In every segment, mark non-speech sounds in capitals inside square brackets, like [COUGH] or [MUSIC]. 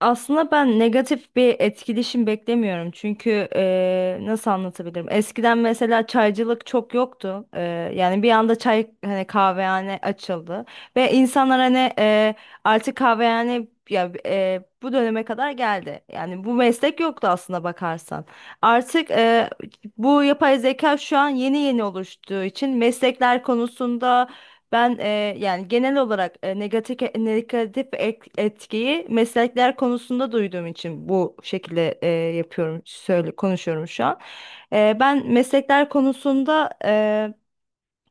Aslında ben negatif bir etkileşim beklemiyorum. Çünkü nasıl anlatabilirim? Eskiden mesela çaycılık çok yoktu. Yani bir anda çay hani kahvehane açıldı ve insanlar hani artık kahvehane ya bu döneme kadar geldi. Yani bu meslek yoktu aslında bakarsan. Artık bu yapay zeka şu an yeni yeni oluştuğu için meslekler konusunda ben e, yani genel olarak negatif etkiyi meslekler konusunda duyduğum için bu şekilde yapıyorum, söyle konuşuyorum şu an. Ben meslekler konusunda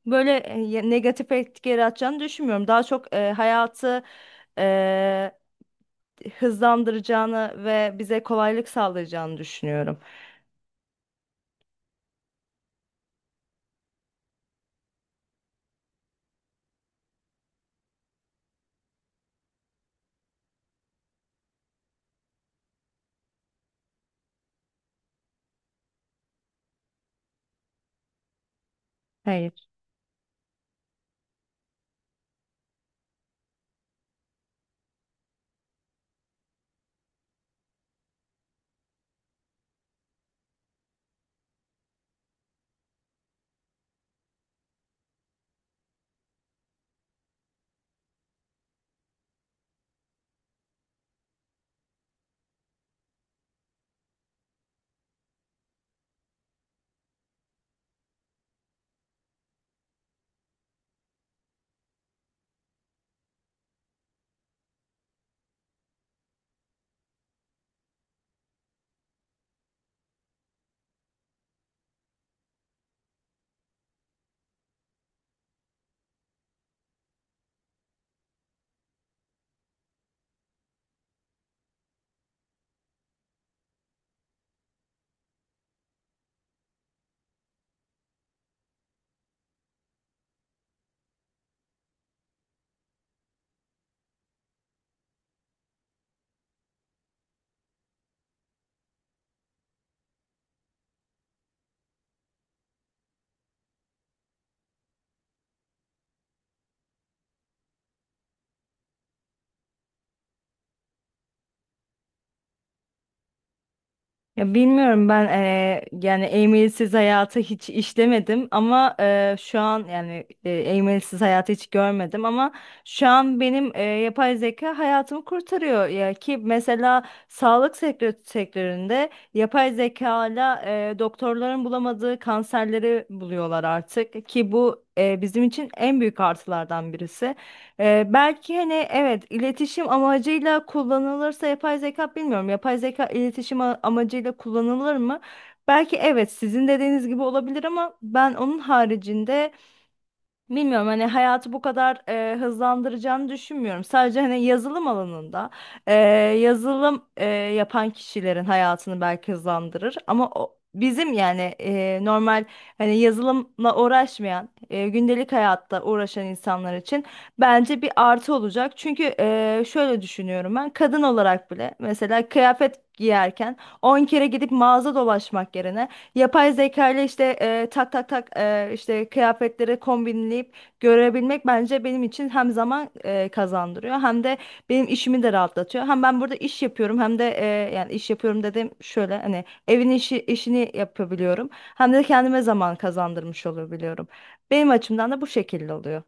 böyle negatif etki yaratacağını düşünmüyorum. Daha çok hayatı e, hızlandıracağını ve bize kolaylık sağlayacağını düşünüyorum. Hayır. Ya bilmiyorum ben yani e-mailsiz hayatı hiç işlemedim ama şu an yani e-mailsiz hayatı hiç görmedim ama şu an benim yapay zeka hayatımı kurtarıyor ya ki mesela sektöründe yapay zeka ile doktorların bulamadığı kanserleri buluyorlar artık ki bu bizim için en büyük artılardan birisi. Belki hani evet iletişim amacıyla kullanılırsa yapay zeka bilmiyorum. Yapay zeka iletişim amacıyla kullanılır mı? Belki evet sizin dediğiniz gibi olabilir ama ben onun haricinde bilmiyorum hani hayatı bu kadar hızlandıracağını düşünmüyorum. Sadece hani yazılım alanında e, yazılım yapan kişilerin hayatını belki hızlandırır. Ama o, bizim yani normal hani yazılımla uğraşmayan gündelik hayatta uğraşan insanlar için bence bir artı olacak. Çünkü şöyle düşünüyorum ben kadın olarak bile mesela kıyafet giyerken 10 kere gidip mağaza dolaşmak yerine yapay zeka ile işte tak tak tak işte kıyafetleri kombinleyip görebilmek bence benim için hem zaman kazandırıyor hem de benim işimi de rahatlatıyor. Hem ben burada iş yapıyorum hem de yani iş yapıyorum dedim şöyle hani evin işini yapabiliyorum. Hem de kendime zaman kazandırmış olabiliyorum. Benim açımdan da bu şekilde oluyor.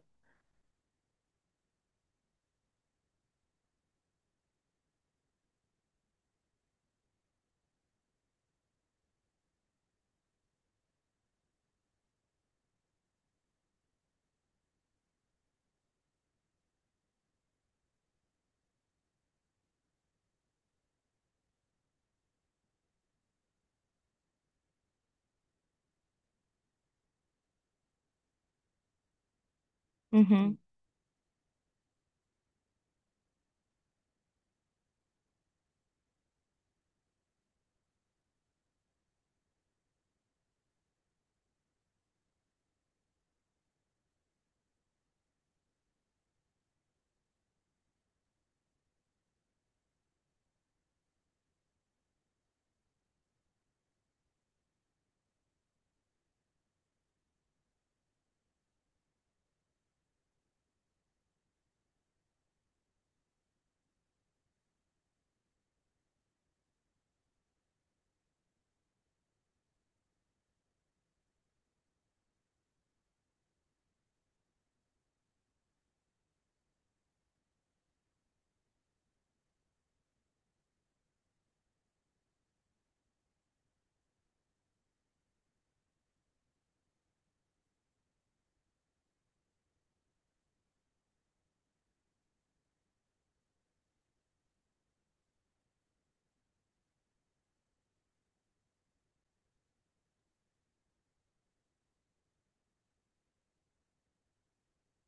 Hı hı.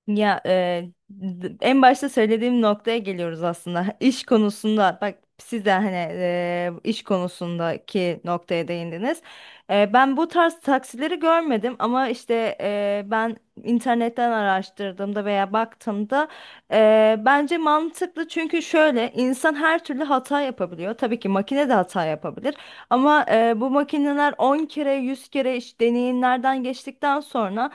Ya en başta söylediğim noktaya geliyoruz aslında. [LAUGHS] İş konusunda bak siz de hani iş konusundaki noktaya değindiniz. Ben bu tarz taksileri görmedim ama işte ben internetten araştırdığımda veya baktığımda bence mantıklı çünkü şöyle insan her türlü hata yapabiliyor. Tabii ki makine de hata yapabilir ama bu makineler 10 kere 100 kere iş deneyimlerden geçtikten sonra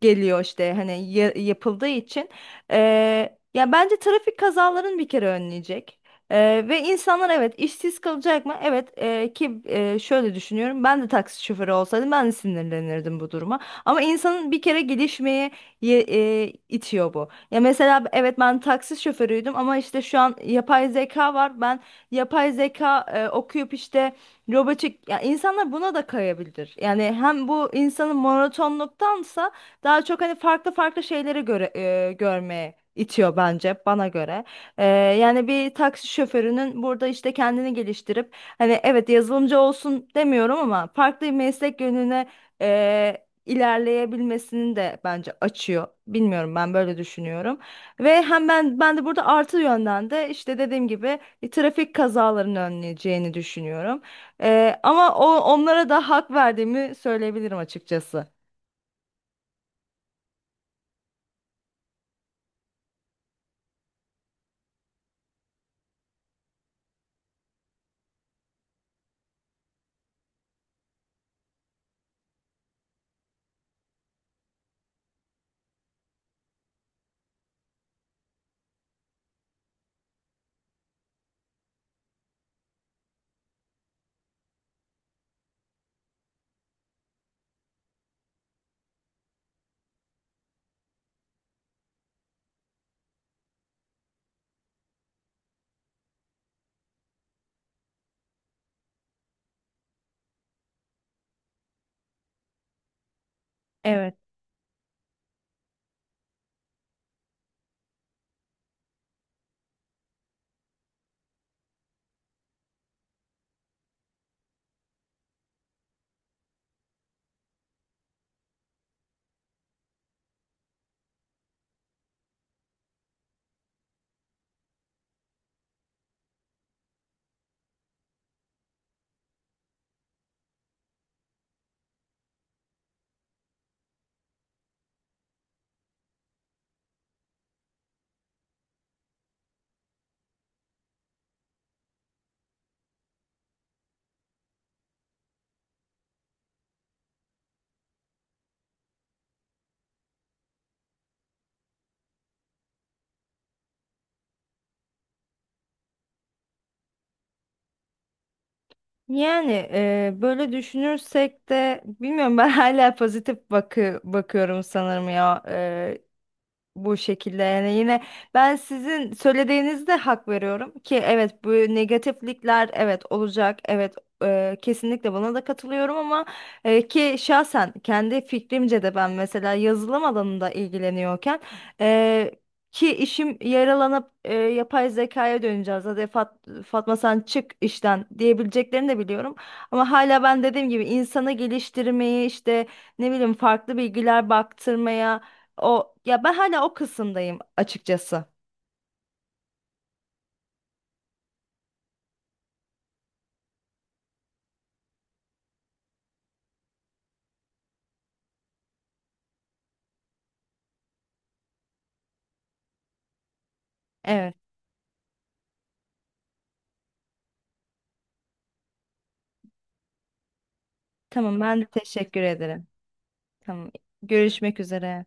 geliyor işte hani yapıldığı için. Ya bence trafik kazalarını bir kere önleyecek. Ve insanlar evet işsiz kalacak mı? Evet, ki şöyle düşünüyorum ben de taksi şoförü olsaydım ben de sinirlenirdim bu duruma. Ama insanın bir kere gelişmeye itiyor bu. Ya mesela evet ben taksi şoförüydüm ama işte şu an yapay zeka var. Ben yapay zeka okuyup işte robotik ya insanlar buna da kayabilir. Yani hem bu insanın monotonluktansa daha çok hani farklı farklı şeylere göre görmeye itiyor bence bana göre. Yani bir taksi şoförünün burada işte kendini geliştirip hani evet yazılımcı olsun demiyorum ama farklı bir meslek yönüne ilerleyebilmesini de bence açıyor. Bilmiyorum ben böyle düşünüyorum. Ve hem ben de burada artı yönden de işte dediğim gibi bir trafik kazalarını önleyeceğini düşünüyorum. Ama o, onlara da hak verdiğimi söyleyebilirim açıkçası. Evet. Yani böyle düşünürsek de bilmiyorum ben [LAUGHS] hala pozitif bakıyorum sanırım ya bu şekilde yani yine ben sizin söylediğinizde hak veriyorum ki evet bu negatiflikler evet olacak evet, kesinlikle buna da katılıyorum ama ki şahsen kendi fikrimce de ben mesela yazılım alanında ilgileniyorken e, ki işim yaralanıp yapay zekaya döneceğiz hadi Fatma sen çık işten diyebileceklerini de biliyorum ama hala ben dediğim gibi insanı geliştirmeyi işte ne bileyim farklı bilgiler baktırmaya o ya ben hala o kısımdayım açıkçası. Evet. Tamam, ben de teşekkür ederim. Tamam. Görüşmek üzere.